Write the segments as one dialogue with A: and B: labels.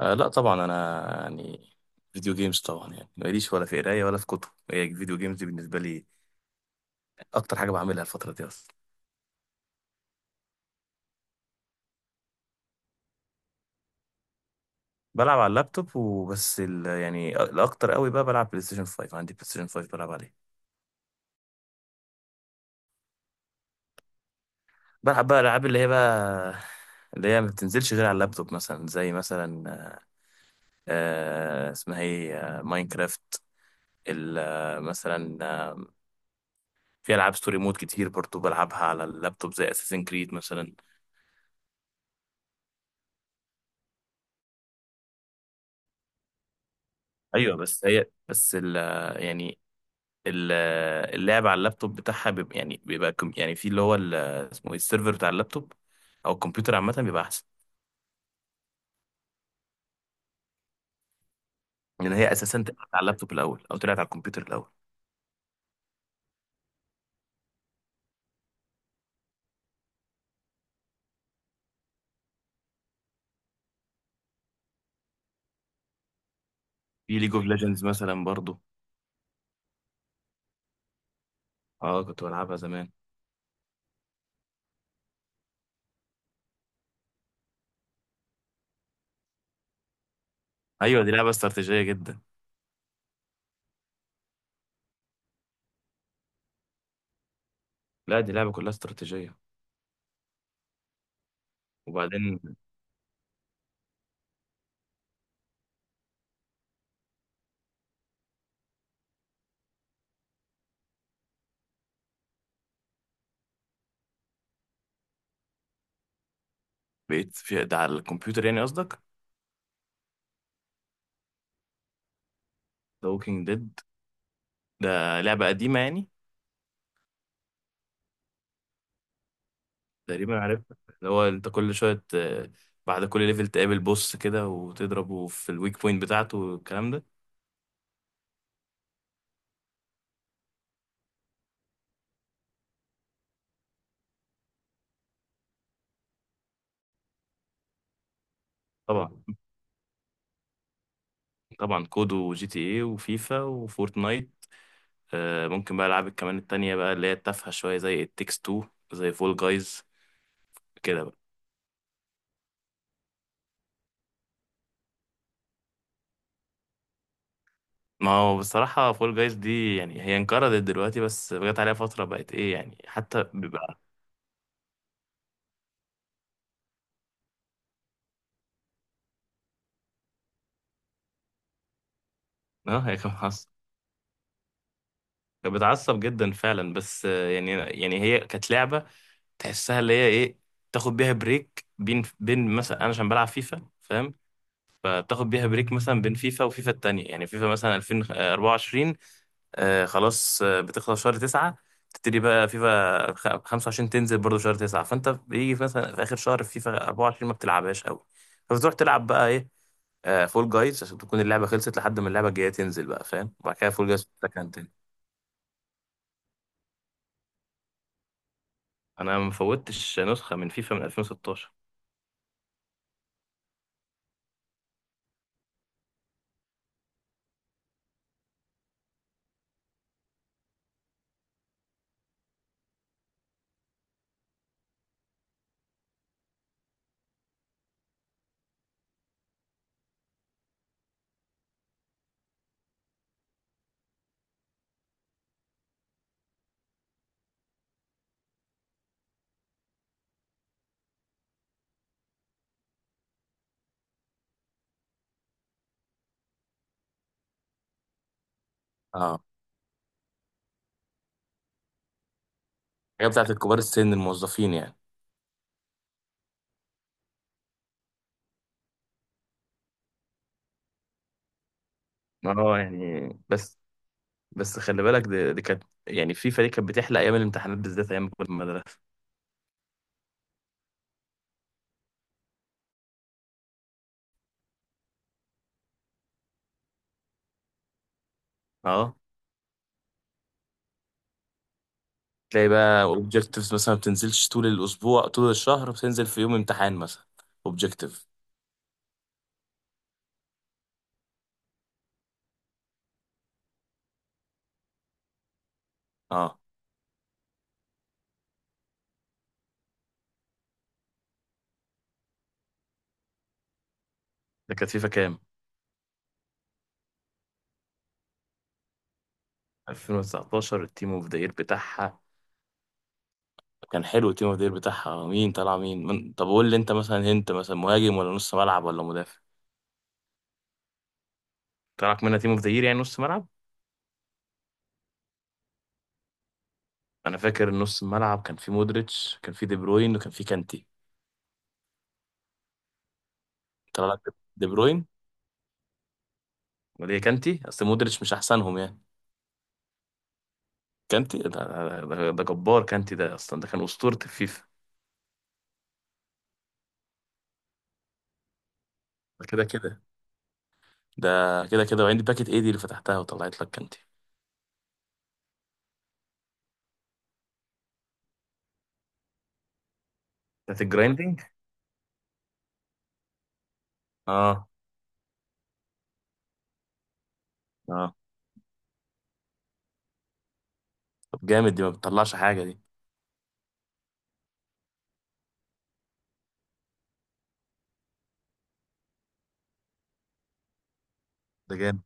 A: آه لا طبعا، انا يعني فيديو جيمز طبعا. يعني ماليش ولا في قرايه ولا في كتب، هي فيديو جيمز دي بالنسبه لي اكتر حاجه بعملها الفتره دي اصلا. بلعب على اللابتوب وبس، ال يعني الاكتر قوي بقى بلعب بلاي ستيشن 5، عندي بلاي ستيشن 5 بلعب عليه. بلعب بقى العاب اللي هي ما بتنزلش غير على اللابتوب، مثلا زي مثلا آه اسمها ايه آه، ماينكرافت. مثلا، في العاب ستوري مود كتير برضو بلعبها على اللابتوب، زي اساسن كريد مثلا. ايوه بس هي بس ال- اللعب على اللابتوب بتاعها بيبقى يعني يعني في اللي هو ال- اسمه ايه السيرفر بتاع اللابتوب او الكمبيوتر عامه بيبقى احسن، لان هي اساسا طلعت على اللابتوب الاول او طلعت على الكمبيوتر الاول. في ليج اوف ليجندز مثلا برضو. اه كنت بلعبها زمان. ايوه دي لعبه استراتيجيه جدا. لا دي لعبه كلها استراتيجيه. وبعدين بقيت في ده على الكمبيوتر يعني قصدك؟ ذا ووكينج ديد، ده لعبه قديمه يعني. تقريبا عارفها، اللي هو انت كل شويه بعد كل ليفل تقابل بوس كده وتضربه في الويك بوينت بتاعته والكلام ده. طبعا. طبعا كودو وجي تي ايه وفيفا وفورتنايت. آه ممكن بقى العاب كمان التانية بقى اللي هي التافهة شوية، زي التكس 2، زي فول جايز كده بقى. ما هو بصراحة فول جايز دي يعني هي انقرضت دلوقتي، بس جت عليها فترة بقت ايه يعني، حتى بيبقى... اه هي كانت بتعصب. كانت بتعصب جدا فعلا، بس يعني هي كانت لعبة تحسها اللي هي ايه، تاخد بيها بريك بين بين، مثلا انا عشان بلعب فيفا فاهم، فتاخد بيها بريك مثلا بين فيفا وفيفا التانية، يعني فيفا مثلا 2024 آه خلاص آه بتخلص شهر تسعة، تبتدي بقى فيفا 25 تنزل برضه شهر تسعة، فانت بيجي في مثلا في اخر شهر في فيفا 24 ما بتلعبهاش قوي، فبتروح تلعب بقى ايه، آه فول جايز، عشان تكون اللعبة خلصت لحد ما اللعبة الجاية تنزل بقى فاهم، وبعد كده فول جايز تكن تاني. انا ما فوتش نسخة من فيفا من 2016. اه هي بتاعت الكبار السن الموظفين يعني. اه يعني بس، بس خلي بالك دي كانت يعني في فريق كانت بتحلق ايام الامتحانات بالذات، ايام ما كنت في المدرسه. اه تلاقي بقى اوبجكتيفز مثلا ما بتنزلش طول الاسبوع طول الشهر، بتنزل في يوم امتحان مثلا، اوبجكتيف. اه ده كانت فيفا كام؟ 2019. التيم اوف ذا يير بتاعها كان حلو. التيم اوف ذا يير بتاعها مين طلع مين من... طب قول لي، انت مثلا انت مثلا مهاجم ولا نص ملعب ولا مدافع؟ طلعك منها تيم اوف ذا يير يعني نص ملعب. انا فاكر نص الملعب كان في مودريتش، كان في دي بروين، وكان في كانتي. طلع لك دي بروين؟ امال ايه؟ كانتي؟ اصل مودريتش مش احسنهم يعني. كانتي ده جبار، كانتي ده اصلا ده كان اسطوره الفيفا. ده كده كده. ده كده كده. وعندي باكت ايه دي اللي فتحتها وطلعت لك كانتي؟ بتاعت الجرايندنج. اه. اه. طب جامد، دي ما بتطلعش حاجه دي، ده جامد.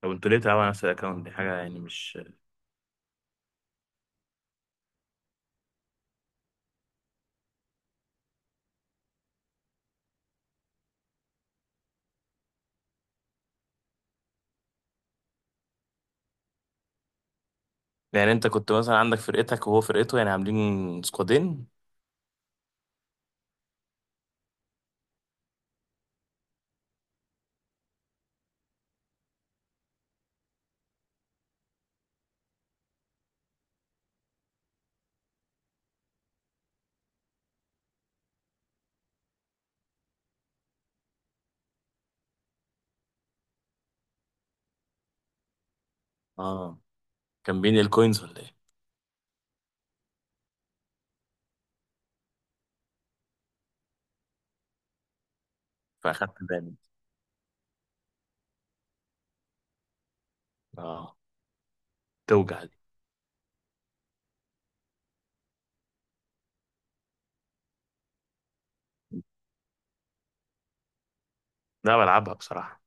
A: طب انتوا ليه تلعبوا على نفس الاكونت؟ دي حاجه يعني مش... يعني انت كنت مثلا عندك فرقتك وهو فرقته، يعني عاملين سكوادين؟ اه كان بين الكوينز ولا ايه؟ فاخدت بالي. اه توجع دي. لا بلعبها بصراحه.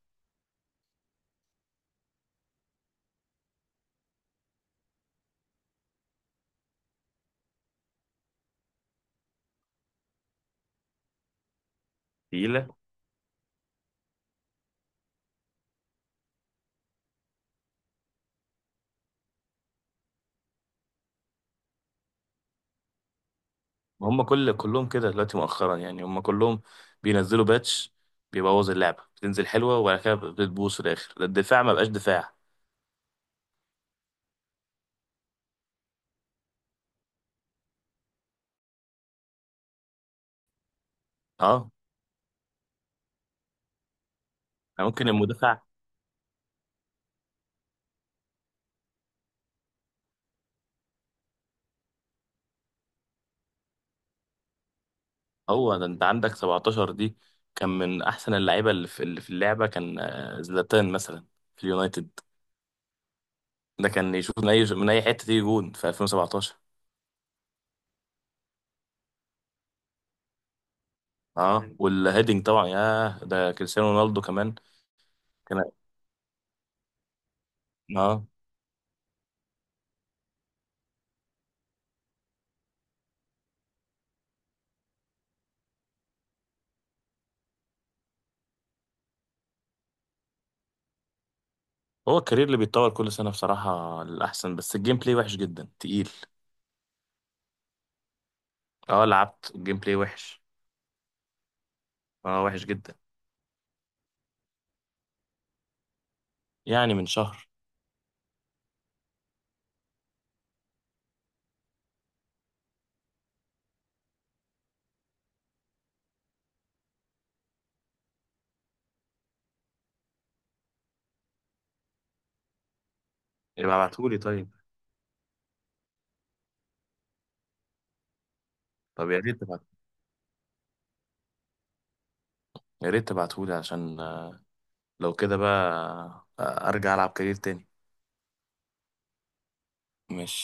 A: تقيله، ما هم كل كلهم كده دلوقتي مؤخرا، يعني هم كلهم بينزلوا باتش بيبوظ اللعبة، بتنزل حلوة وبعد كده بتبوظ في الآخر، ده الدفاع ما بقاش دفاع. اه يعني ممكن المدافع... هو ده انت عندك 17 دي؟ كان من احسن اللعيبة اللي في اللي في اللعبة كان زلاتان مثلا في اليونايتد، ده كان يشوف من اي من اي حتة تيجي جون في 2017. اه والهيدنج طبعا، ياه ده كريستيانو رونالدو كمان كان... اه. هو الكارير اللي بيتطور كل سنة بصراحة الأحسن، بس الجيم بلاي وحش جدا، تقيل. اه لعبت الجيم بلاي وحش. اه وحش جدا. يعني من شهر. يبقى ابعتهولي طيب. طب يا ريت تبعت، يا ريت تبعتهولي عشان لو كده بقى، ارجع العب كارير تاني. ماشي.